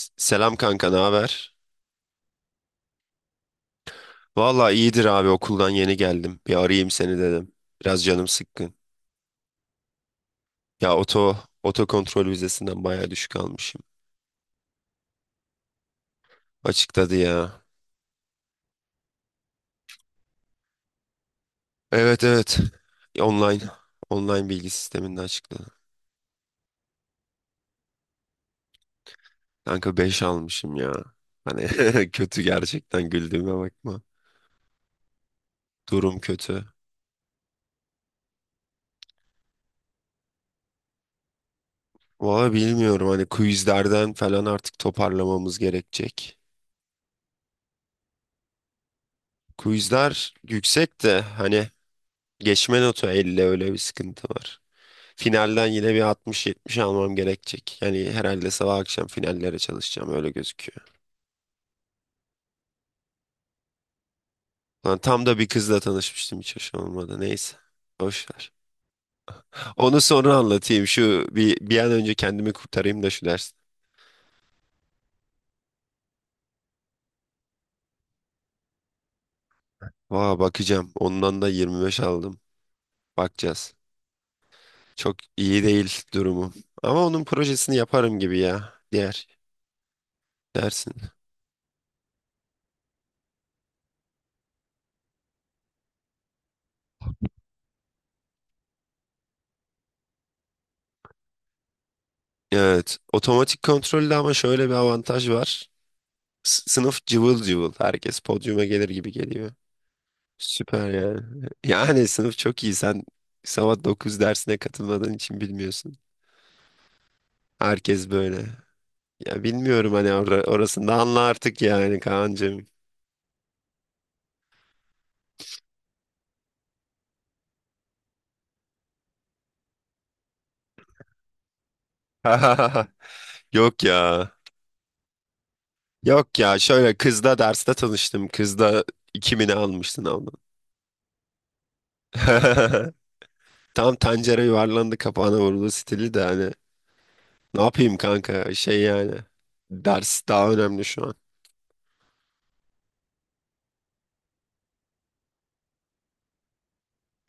Selam kanka, ne haber? Valla iyidir abi, okuldan yeni geldim. Bir arayayım seni dedim. Biraz canım sıkkın. Ya oto kontrol vizesinden bayağı düşük almışım. Açıkladı ya. Evet, evet. Online online bilgi sisteminde açıkladı. Kanka 5 almışım ya. Hani kötü, gerçekten güldüğüme bakma. Durum kötü. Valla bilmiyorum, hani quizlerden falan artık toparlamamız gerekecek. Quizler yüksek de hani geçme notu 50, öyle bir sıkıntı var. Finalden yine bir 60-70 almam gerekecek. Yani herhalde sabah akşam finallere çalışacağım, öyle gözüküyor. Lan tam da bir kızla tanışmıştım, hiç hoş olmadı. Neyse. Boş ver. Onu sonra anlatayım. Şu bir an önce kendimi kurtarayım da şu ders. Vaa, bakacağım. Ondan da 25 aldım. Bakacağız. Çok iyi değil durumum. Ama onun projesini yaparım gibi ya. Diğer dersin. Evet. Otomatik kontrolde ama şöyle bir avantaj var. Sınıf cıvıl cıvıl. Herkes podyuma gelir gibi geliyor. Süper ya. Yani sınıf çok iyi. Sen sabah 9 dersine katılmadığın için bilmiyorsun. Herkes böyle. Ya bilmiyorum hani, orasını da anla artık yani Kaan'cığım. Yok ya. Yok ya, şöyle kızla derste tanıştım. Kızla 2000'i almıştın abla. Tam tencere yuvarlandı kapağına vuruldu stili de hani. Ne yapayım kanka, şey yani. Ders daha önemli şu an.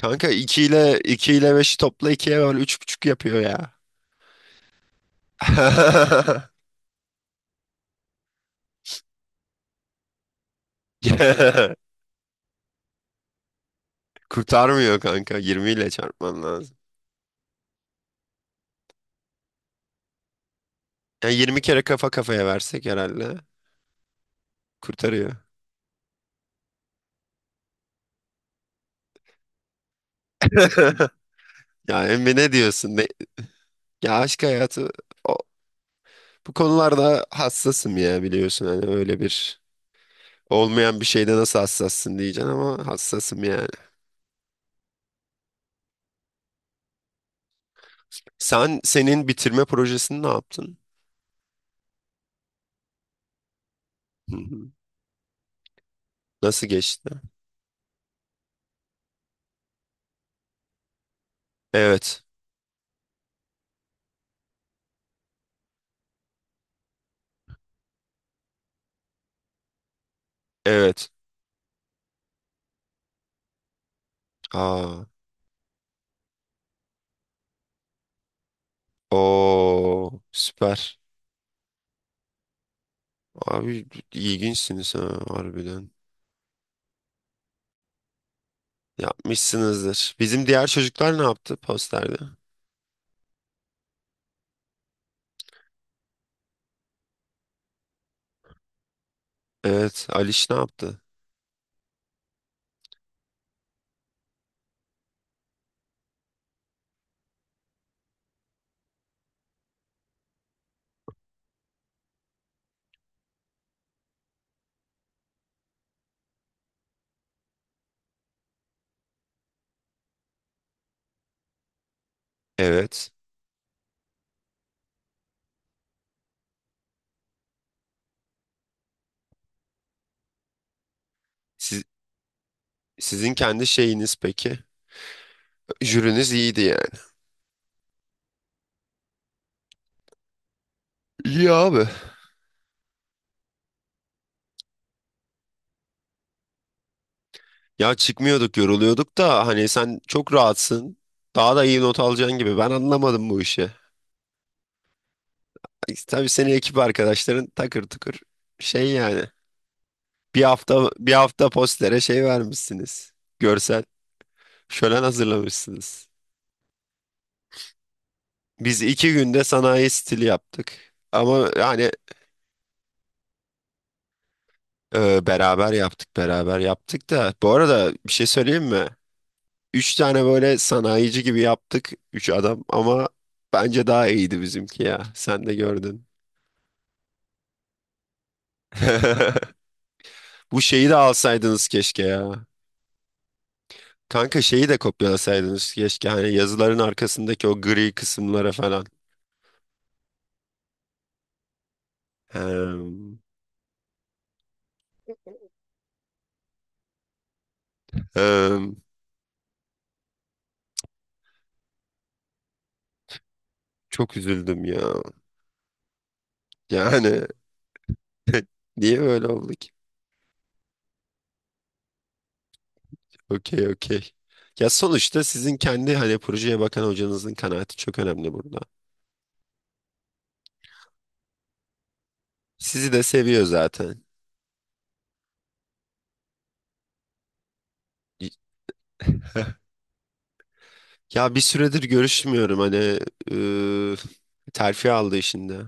Kanka iki ile beşi topla ikiye var üç buçuk yapıyor ya. Kurtarmıyor kanka. 20 ile çarpman lazım. Yani 20 kere kafa kafaya versek herhalde kurtarıyor. Ya Emre, ne diyorsun? Ya aşk hayatı, o- bu konularda hassasım ya, biliyorsun. Hani öyle bir, olmayan bir şeyde nasıl hassassın diyeceksin ama hassasım yani. Sen senin bitirme projesini ne yaptın? Hı hı. Nasıl geçti? Evet. Evet. Aa. Oo, süper. Abi ilginçsiniz ha, harbiden. Yapmışsınızdır. Bizim diğer çocuklar ne yaptı posterde? Evet, Aliş ne yaptı? Evet. Siz, sizin kendi şeyiniz peki? Jüriniz iyiydi yani. İyi abi. Ya çıkmıyorduk, yoruluyorduk da hani, sen çok rahatsın. Daha da iyi not alacaksın gibi. Ben anlamadım bu işi. Tabii senin ekip arkadaşların takır tukur, şey yani. Bir hafta postere şey vermişsiniz. Görsel şölen hazırlamışsınız. Biz 2 günde sanayi stili yaptık. Ama yani beraber yaptık, beraber yaptık da. Bu arada bir şey söyleyeyim mi? Üç tane böyle sanayici gibi yaptık. Üç adam, ama bence daha iyiydi bizimki ya. Sen de gördün. Bu şeyi de alsaydınız keşke ya. Kanka şeyi de kopyalasaydınız keşke. Hani yazıların arkasındaki o gri kısımlara falan. Hem, hem. Çok üzüldüm ya. Yani niye böyle oldu? Okey, okey. Ya sonuçta sizin kendi hani projeye bakan hocanızın kanaati çok önemli burada. Sizi de seviyor zaten. Y- Ya bir süredir görüşmüyorum hani, ıı, terfi aldı işinde.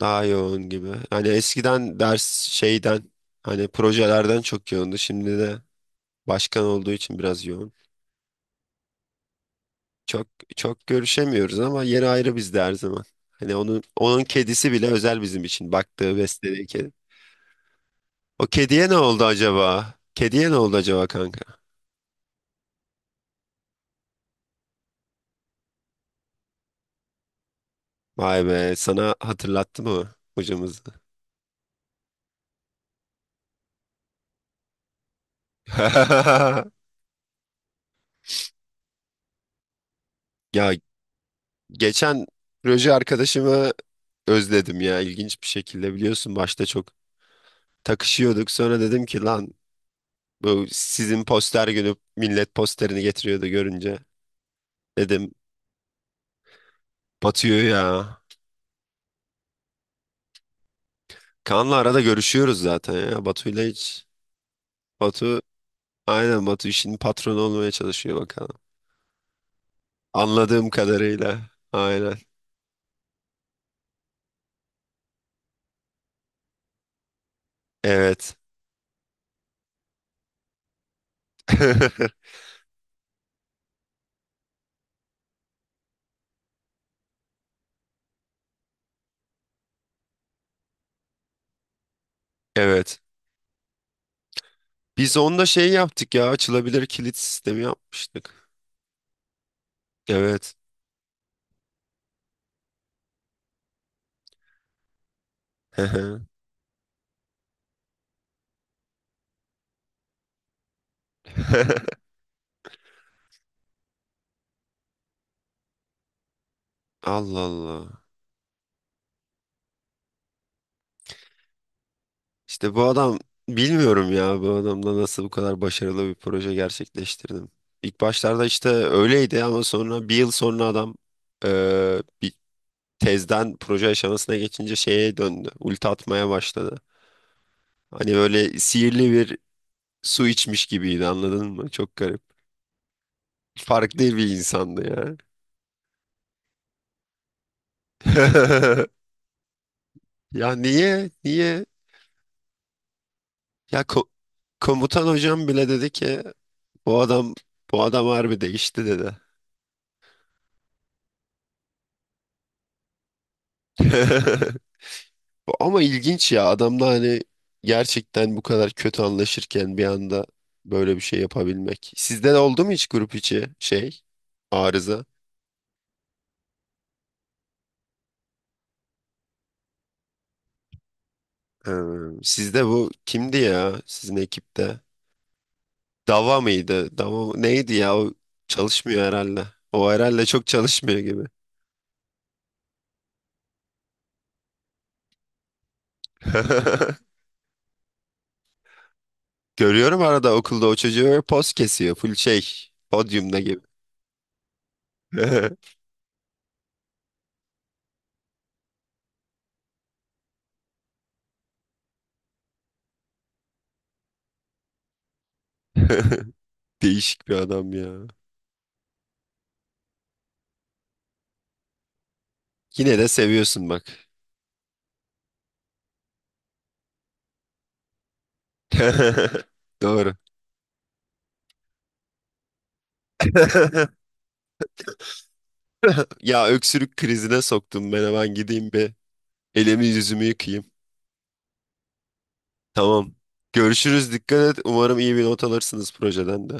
Daha yoğun gibi. Hani eskiden ders şeyden, hani projelerden çok yoğundu. Şimdi de başkan olduğu için biraz yoğun. Çok, çok görüşemiyoruz ama yeri ayrı bizde her zaman. Hani onun kedisi bile özel bizim için. Baktığı, beslediği. O kediye ne oldu acaba? Kediye ne oldu acaba kanka? Vay be, sana hatırlattı mı hocamızı? Ya geçen proje arkadaşımı özledim ya, ilginç bir şekilde. Biliyorsun başta çok takışıyorduk, sonra dedim ki lan, bu sizin poster günü millet posterini getiriyordu görünce dedim. Batu'yu ya. Kaan'la arada görüşüyoruz zaten ya, Batu'yla hiç. Batu, aynen, Batu işinin patronu olmaya çalışıyor bakalım, anladığım kadarıyla. Aynen. Evet. Evet. Biz onda şey yaptık ya, açılabilir kilit sistemi yapmıştık. Evet. Allah Allah. İşte bu adam, bilmiyorum ya, bu adamla nasıl bu kadar başarılı bir proje gerçekleştirdim. İlk başlarda işte öyleydi ama sonra bir yıl sonra adam bir tezden proje aşamasına geçince şeye döndü. Ulti atmaya başladı. Hani böyle sihirli bir su içmiş gibiydi, anladın mı? Çok garip. Farklı bir insandı ya. Ya niye? Niye? Ya komutan hocam bile dedi ki bu adam bu adam harbi değişti dedi. Ama ilginç ya, adamla hani gerçekten bu kadar kötü anlaşırken bir anda böyle bir şey yapabilmek. Sizde de oldu mu hiç grup içi şey, arıza? Ee, sizde bu kimdi ya sizin ekipte? Dava mıydı? Neydi ya o, çalışmıyor herhalde. O herhalde çok çalışmıyor gibi. Görüyorum arada okulda o çocuğu, poz kesiyor. Full şey. Podyumda gibi. Değişik bir adam ya. Yine de seviyorsun bak. Doğru. Ya öksürük krizine soktum, ben hemen gideyim bir elimi yüzümü yıkayayım. Tamam. Görüşürüz, dikkat et. Umarım iyi bir not alırsınız projeden de.